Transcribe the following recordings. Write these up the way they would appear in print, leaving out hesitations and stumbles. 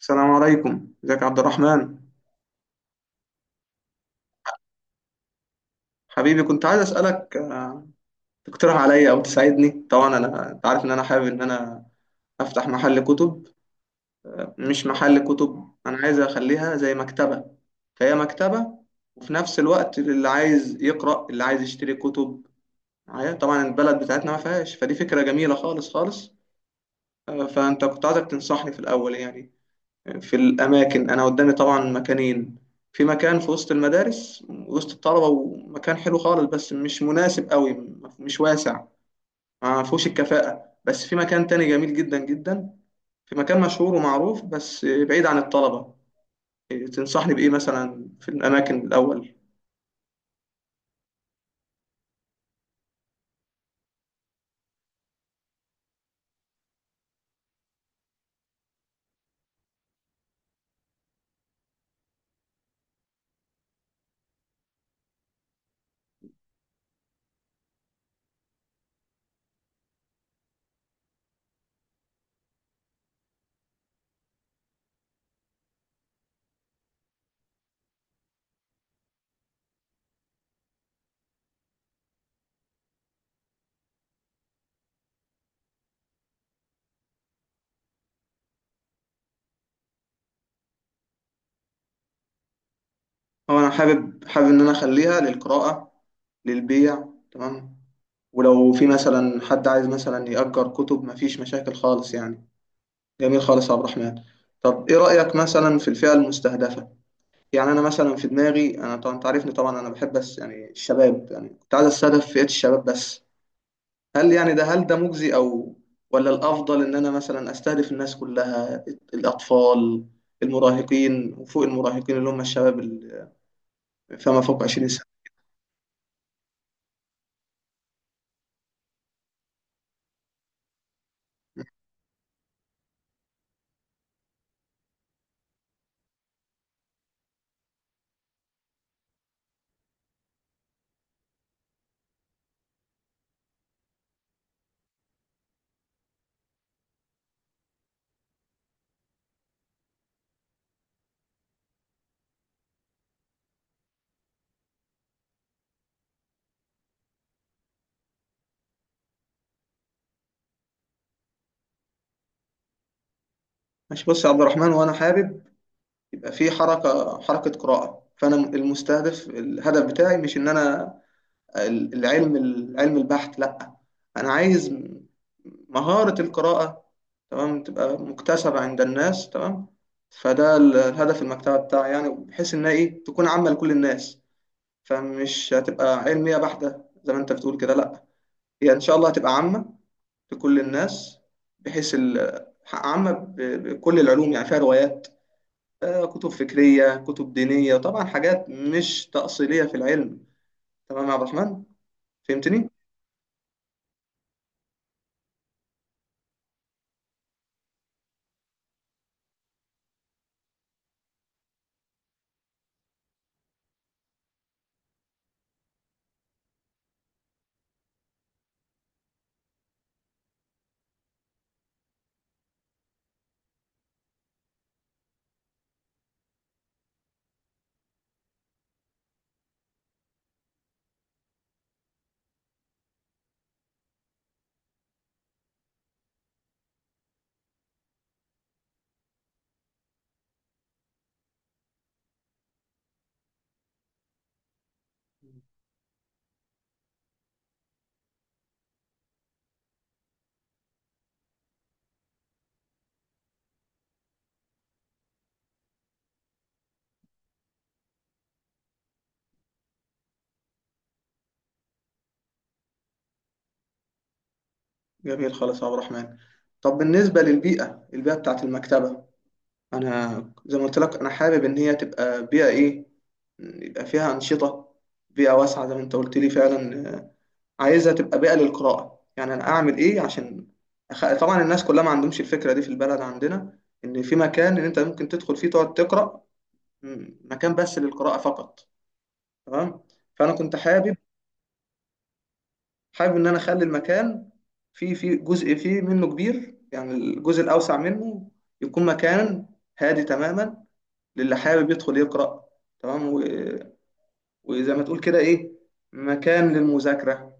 السلام عليكم، ازيك يا عبد الرحمن؟ حبيبي كنت عايز اسالك، تقترح عليا او تساعدني. طبعا انا، انت عارف ان انا حابب ان انا افتح محل كتب. مش محل كتب، انا عايز اخليها زي مكتبه، فهي مكتبه، وفي نفس الوقت اللي عايز يقرا اللي عايز يشتري كتب معايا. طبعا البلد بتاعتنا ما فيهاش، فدي فكره جميله خالص خالص. فانت كنت عايزك تنصحني في الاول يعني في الأماكن. أنا قدامي طبعا مكانين. في مكان في وسط المدارس وسط الطلبة، ومكان حلو خالص بس مش مناسب قوي، مش واسع، ما فيهوش الكفاءة. بس في مكان تاني جميل جدا جدا، في مكان مشهور ومعروف بس بعيد عن الطلبة. تنصحني بإيه مثلا في الأماكن الأول؟ هو أنا حابب إن أنا أخليها للقراءة، للبيع، تمام. ولو في مثلا حد عايز مثلا يأجر كتب مفيش مشاكل خالص يعني. جميل خالص يا عبد الرحمن. طب ايه رأيك مثلا في الفئة المستهدفة؟ يعني انا مثلا في دماغي، انا طبعا انت عارفني طبعا انا بحب بس يعني الشباب، يعني كنت عايز استهدف فئة الشباب بس. هل يعني ده هل ده مجزي، او ولا الافضل ان انا مثلا استهدف الناس كلها، الاطفال، المراهقين، وفوق المراهقين اللي هم الشباب اللي فما فوق 20 سنة. ماشي، بص يا عبد الرحمن، وانا حابب يبقى في حركة قراءة، فانا المستهدف الهدف بتاعي مش ان انا العلم، العلم البحت لا. انا عايز مهارة القراءة تمام، تبقى مكتسبة عند الناس تمام. فده الهدف المكتبة بتاعي يعني، بحيث انها ايه تكون عامة لكل الناس. فمش هتبقى علمية بحتة زي ما انت بتقول كده، لا. هي ان شاء الله هتبقى عامة لكل الناس، بحيث عامة بكل العلوم، يعني فيها روايات، كتب فكرية، كتب دينية، طبعا حاجات مش تأصيلية في العلم. تمام يا عبد الرحمن، فهمتني؟ جميل خالص يا عبد الرحمن. طب بالنسبة للبيئة، البيئة بتاعت المكتبة، أنا زي ما قلت لك أنا حابب إن هي تبقى بيئة إيه، يبقى فيها أنشطة، بيئة واسعة زي ما أنت قلت لي فعلا. عايزها تبقى بيئة للقراءة، يعني أنا أعمل إيه عشان طبعا الناس كلها ما عندهمش الفكرة دي في البلد عندنا، إن في مكان إن أنت ممكن تدخل فيه تقعد تقرأ، مكان بس للقراءة فقط تمام. فأنا كنت حابب ان انا اخلي المكان فيه جزء فيه منه كبير، يعني الجزء الاوسع منه يكون مكان هادي تماما للي حابب يدخل يقرا تمام. وزي ما تقول كده ايه، مكان للمذاكره،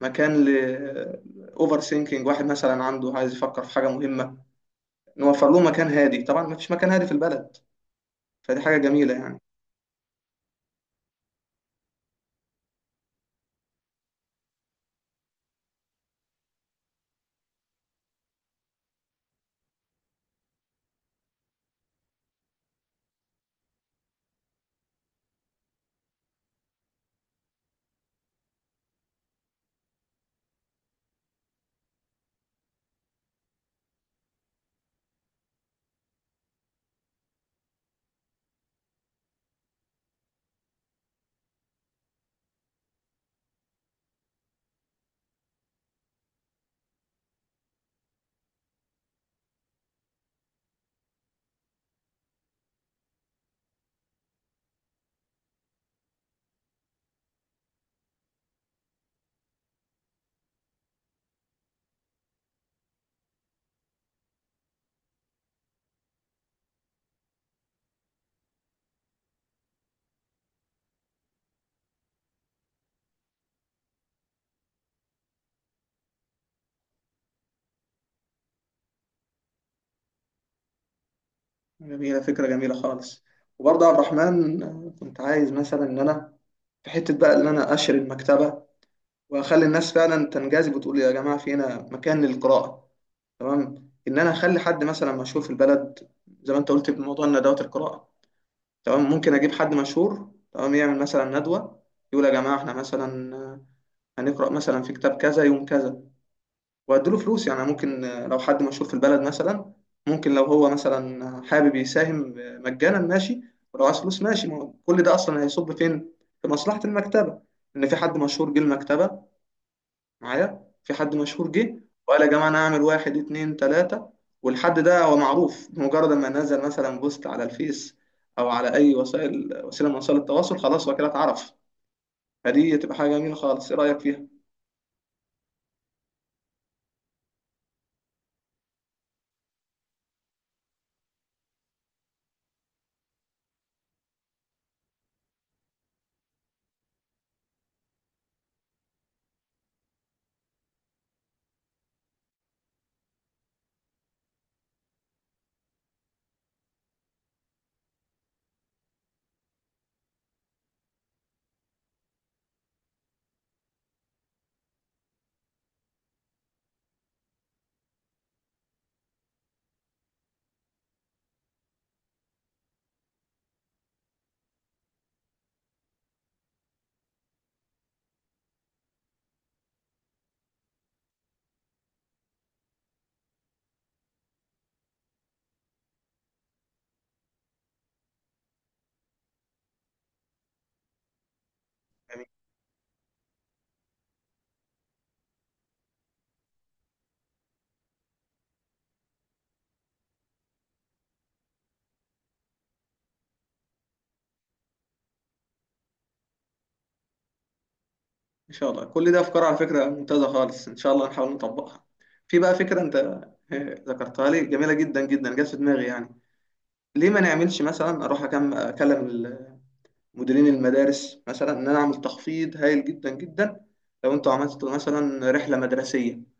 مكان ل اوفر ثينكينج، واحد مثلا عنده عايز يفكر في حاجه مهمه، نوفر له مكان هادي. طبعا ما فيش مكان هادي في البلد، فدي حاجه جميله يعني. جميله، فكره جميله خالص. وبرضه يا عبد الرحمن، كنت عايز مثلا ان انا في حته بقى ان انا اشر المكتبه، واخلي الناس فعلا تنجذب وتقول يا جماعه في هنا مكان للقراءه، تمام. ان انا اخلي حد مثلا مشهور في البلد، زي ما انت قلت بموضوع ندوات القراءه، تمام، ممكن اجيب حد مشهور تمام يعمل مثلا ندوه، يقول يا جماعه احنا مثلا، هنقرا مثلا في كتاب كذا يوم كذا. واديله فلوس يعني، ممكن لو حد مشهور في البلد مثلا، ممكن لو هو مثلا حابب يساهم مجانا ماشي، ولو عايز فلوس ماشي، ما هو كل ده اصلا هيصب فين؟ في مصلحه المكتبه، ان في حد مشهور جه المكتبه، معايا في حد مشهور جه وقال يا جماعه انا هعمل واحد اتنين تلاته. والحد ده هو معروف، بمجرد ما نزل مثلا بوست على الفيس او على اي وسيله من وسائل التواصل، خلاص هو كده اتعرف. فدي تبقى حاجه جميله خالص. ايه رايك فيها؟ جميل. ان شاء الله كل ده افكار على فكره ممتازه خالص، ان شاء الله نحاول نطبقها. في بقى فكره انت ذكرتها لي، جميله جدا جدا، جت في دماغي يعني. ليه ما نعملش مثلا اروح اكلم مديرين المدارس مثلا ان انا اعمل تخفيض هايل جدا جدا، لو انتوا عملتوا مثلا رحله مدرسيه،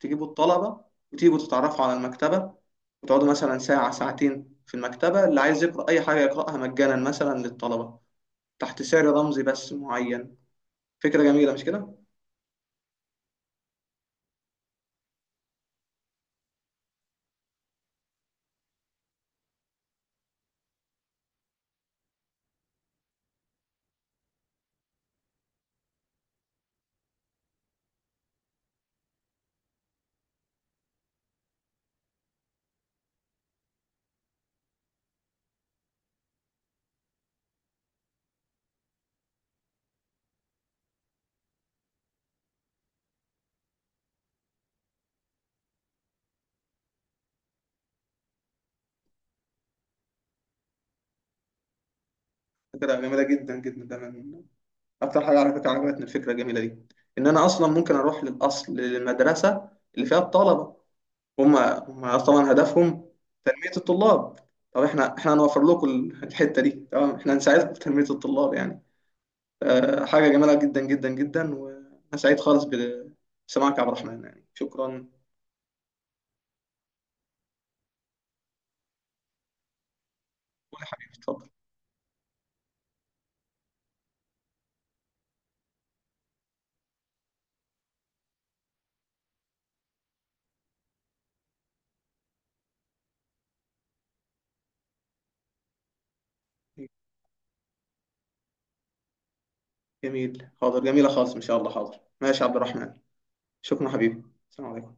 تجيبوا الطلبه وتيجوا تتعرفوا على المكتبه، وتقعدوا مثلا ساعه ساعتين في المكتبه، اللي عايز يقرا اي حاجه يقراها مجانا مثلا للطلبه، تحت سعر رمزي بس معين. فكره جميله مش كده؟ فكره جميله جدا جدا، ده من اكتر حاجه على فكره عجبتني، الفكره الجميله دي ان انا اصلا ممكن اروح للاصل للمدرسه اللي فيها الطلبه. هم هم طبعا هدفهم تنمية الطلاب، طب احنا هنوفر لكم الحتة دي تمام، احنا هنساعدكم في تنمية الطلاب يعني. حاجة جميلة جدا جدا جدا، وانا سعيد خالص بسماعك يا عبد الرحمن، يعني شكرا، قول يا حبيبي، اتفضل. جميل، حاضر، جميلة خالص ان شاء الله، حاضر، ماشي يا عبد الرحمن، شكرا حبيبي، السلام عليكم.